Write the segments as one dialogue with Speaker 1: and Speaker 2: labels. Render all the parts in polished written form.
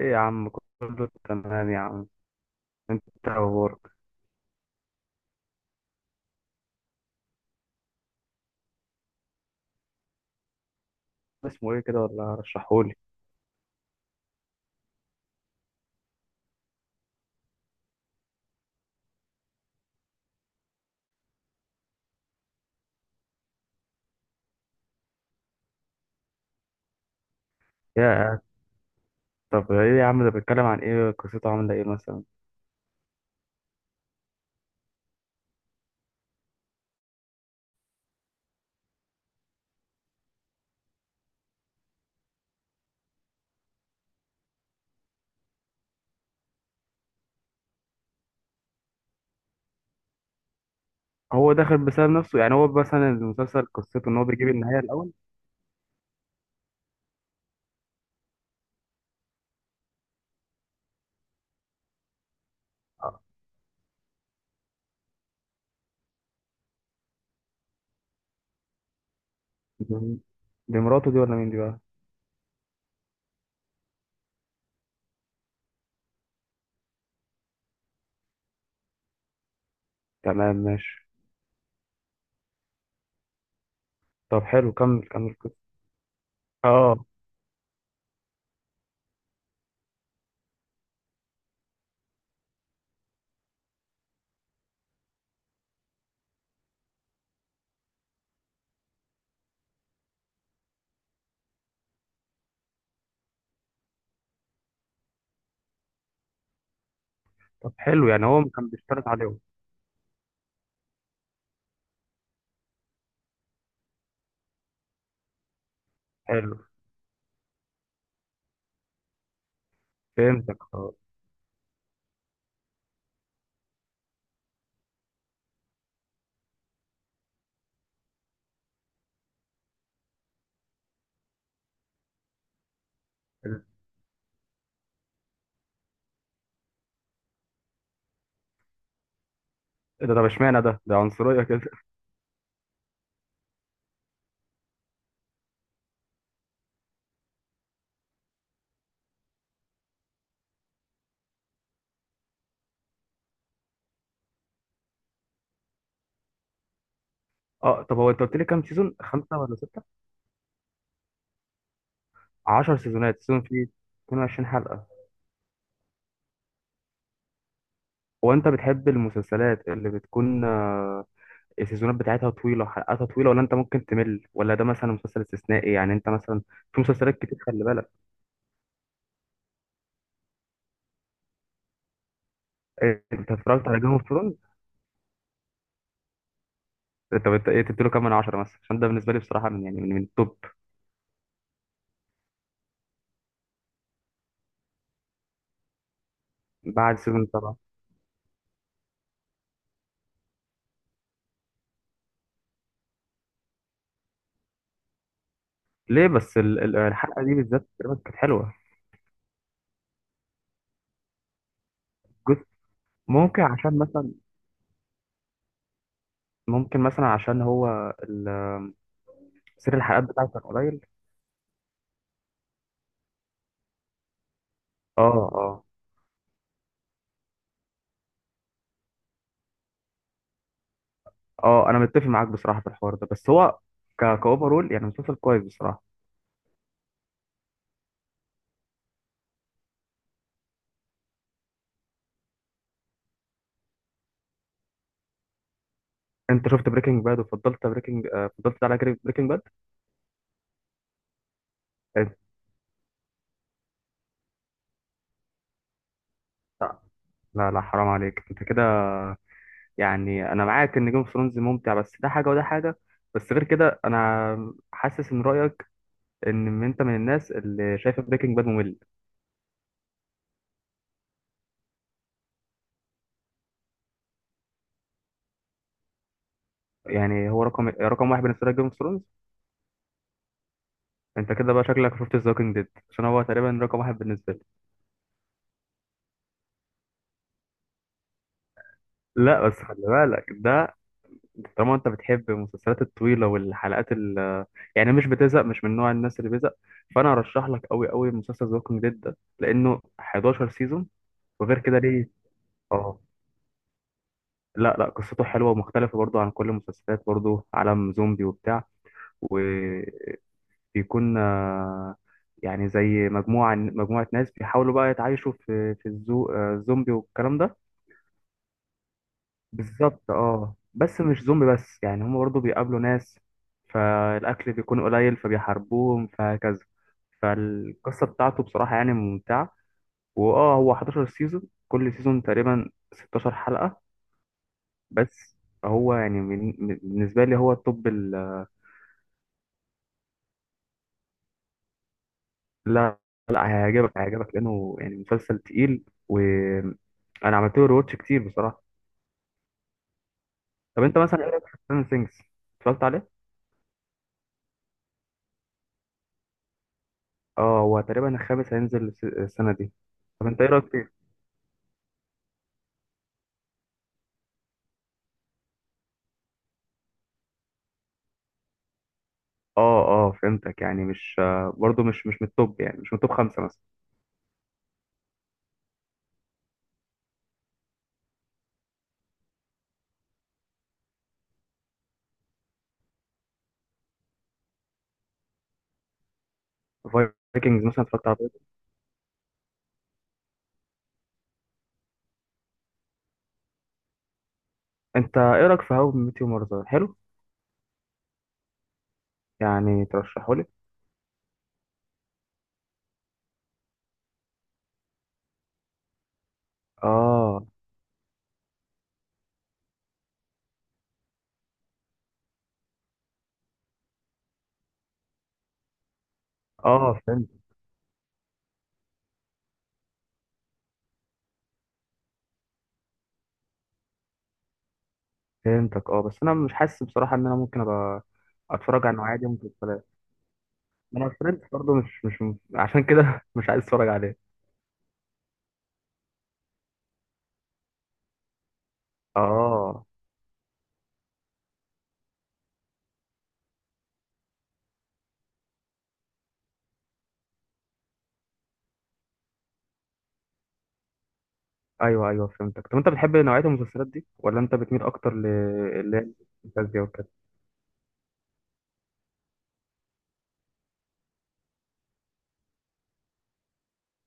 Speaker 1: ايه يا عم، كله تمام يا عم. انت إيه اخبارك؟ اسمه ايه كده؟ ولا رشحهولي. يا طب ايه يا عم، ده بيتكلم عن ايه؟ قصته عامله ايه مثلا؟ هو داخل بسبب نفسه؟ يعني هو مثلا المسلسل قصته ان هو بيجيب النهايه الاول؟ آه. دي دي مراته دي، ولا مين دي بقى؟ تمام، ماشي. طب حلو، كمل كمل كده. اه. طب حلو، يعني هو كان بيشترط عليهم؟ حلو، فهمتك اه. إيه ده؟ طب اشمعنى ده عنصريه كده؟ اه. طب هو انت قلت لي كام سيزون؟ خمسه ولا سته؟ 10 سيزونات، سيزون فيه 22 حلقه؟ هو انت بتحب المسلسلات اللي بتكون السيزونات بتاعتها طويلة، حلقاتها طويلة، ولا انت ممكن تمل؟ ولا ده مثلا مسلسل استثنائي؟ يعني انت مثلا؟ في مسلسلات كتير، خلي بالك. إيه، انت اتفرجت على جيم اوف ثرونز؟ انت ايه تديله كام من 10 مثلا؟ عشان ده بالنسبة لي بصراحة، من يعني من التوب. بعد سيزون 7؟ ليه بس الحلقة دي بالذات تقريبا كانت حلوة. جزء. ممكن عشان مثلا، ممكن مثلا عشان هو ال- سير الحلقات بتاعته كان قليل. اه، اه، اه، انا متفق معاك بصراحة في الحوار ده، بس هو كاوفرول يعني مسلسل كويس بصراحة. انت شفت بريكنج باد وفضلت بريكنج آه، فضلت ده على بريكنج باد؟ لا، لا، لا، حرام عليك انت كده. يعني انا معاك ان جيم اوف ثرونز ممتع، بس ده حاجه وده حاجه. بس غير كده انا حاسس ان رايك، ان انت من الناس اللي شايفه بريكنج باد ممل. يعني هو رقم واحد بالنسبه لك جيم اوف ثرونز؟ انت كده بقى شكلك شفت ذا ووكينج ديد، عشان هو تقريبا رقم واحد بالنسبه لي. لا بس خلي بالك ده، طالما انت بتحب المسلسلات الطويله والحلقات ال، يعني مش بتزهق، مش من نوع الناس اللي بيزهق. فانا ارشح لك قوي قوي مسلسل ذا ووكينج ديد ده، لانه 11 سيزون. وغير كده ليه؟ اه. لا، لا، قصته حلوه ومختلفه برضو عن كل المسلسلات، برضو عالم زومبي وبتاع. وبيكون آه، يعني زي مجموعه ناس بيحاولوا بقى يتعايشوا في الزومبي والكلام ده. بالظبط اه، بس مش زومبي بس، يعني هم برضه بيقابلوا ناس، فالأكل بيكون قليل، فبيحاربوهم، فهكذا. فالقصة بتاعته بصراحة يعني ممتعة. واه هو 11 سيزون، كل سيزون تقريبا 16 حلقة. بس هو يعني بالنسبة لي هو التوب لا، لا، هيعجبك، هيعجبك لأنه يعني مسلسل تقيل، وأنا عملت له ريواتش كتير بصراحة. طب أنت مثلا إيه رأيك في ستراندر ثينجز؟ اتفرجت عليه؟ اه، هو تقريبا الخامس هينزل السنة دي. طب أنت إيه رأيك فيه؟ اه، اه، فهمتك. يعني مش برضو مش من التوب، يعني مش من التوب خمسة مثلا؟ فايكنجز مثلا، اتفرجت على Vikings؟ انت ايه رايك في هاو ميت يور ماذر؟ حلو؟ يعني ترشحه لي؟ اه، اه، فهمتك اه. بس انا مش حاسس بصراحه ان انا ممكن ابقى اتفرج على النوعيه دي من المسلسلات. ما انا فريندز برضو، مش عشان كده مش عايز اتفرج عليه. اه. ايوه، ايوه، فهمتك. طب انت بتحب نوعيه المسلسلات دي، ولا انت بتميل اكتر ل، اللي هي الفانتازيا وكده؟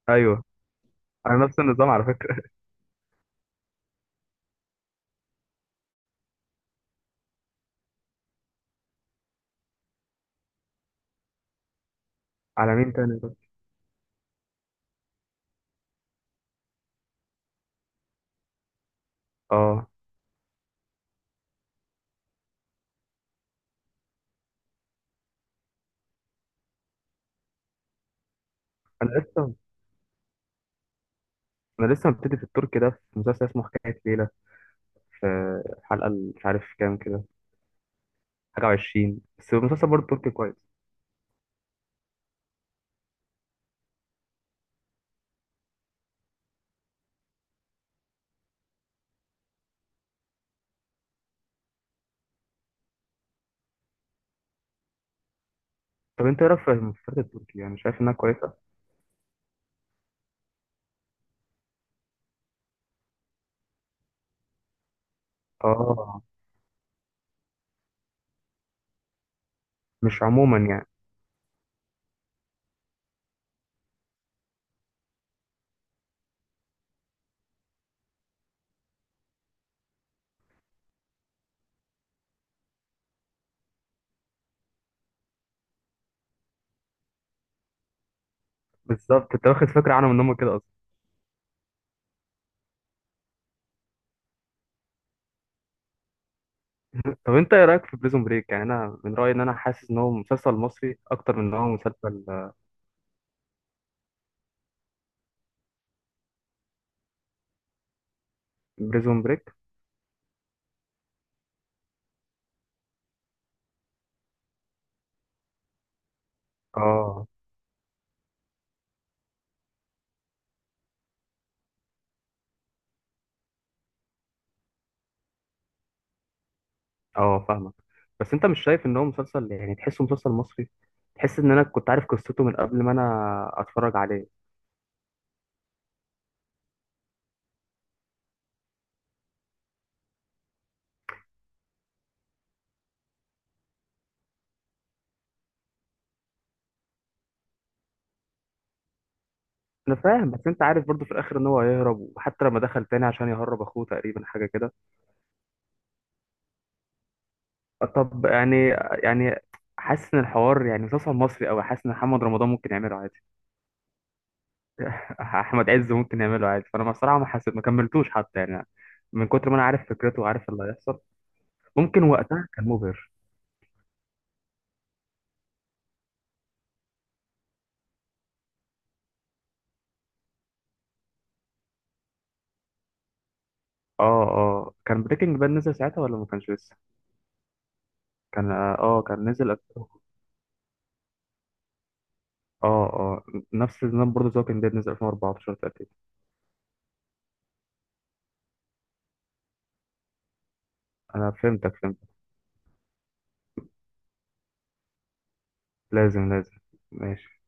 Speaker 1: ايوه. انا نفس النظام على فكره. على مين تاني ده؟ اه. انا لسه انا لسه مبتدي في الترك ده، في مسلسل اسمه حكاية ليلة، في الحلقة اللي مش عارف كام كده، حاجة وعشرين، بس المسلسل برضه تركي كويس. طب انت ايه رأيك في المسلسلات التركية؟ يعني شايف انها كويسة؟ اه. مش عموما يعني. بالظبط، انت واخد فكرة عنهم ان هم كده اصلا. طب انت ايه رأيك في بريزون بريك؟ يعني انا من رأيي ان انا حاسس ان هو مسلسل مصري اكتر من ان هو مسلسل. بريزون بريك؟ اه، اه، فاهمك. بس انت مش شايف ان هو مسلسل، يعني تحسه مسلسل مصري؟ تحس ان انا كنت عارف قصته من قبل ما انا اتفرج عليه. انا فاهم، بس انت عارف برضو في الاخر ان هو هيهرب، وحتى لما دخل تاني عشان يهرب اخوه تقريبا حاجه كده. طب يعني، يعني حاسس ان الحوار يعني مسلسل مصري قوي، حاسس ان محمد رمضان ممكن يعمله عادي. احمد عز ممكن يعمله عادي، فانا بصراحه ما حسيت، ما كملتوش حتى يعني، من كتر ما انا عارف فكرته وعارف اللي هيحصل. ممكن وقتها كان مبهر. اه، اه، كان بريكنج باد نزل ساعتها ولا ما كانش لسه؟ كان نزل اه. اه، نفس النظام برضه زي، كان نزل 2014 تقريبا. انا فهمتك. لازم، لازم، ماشي.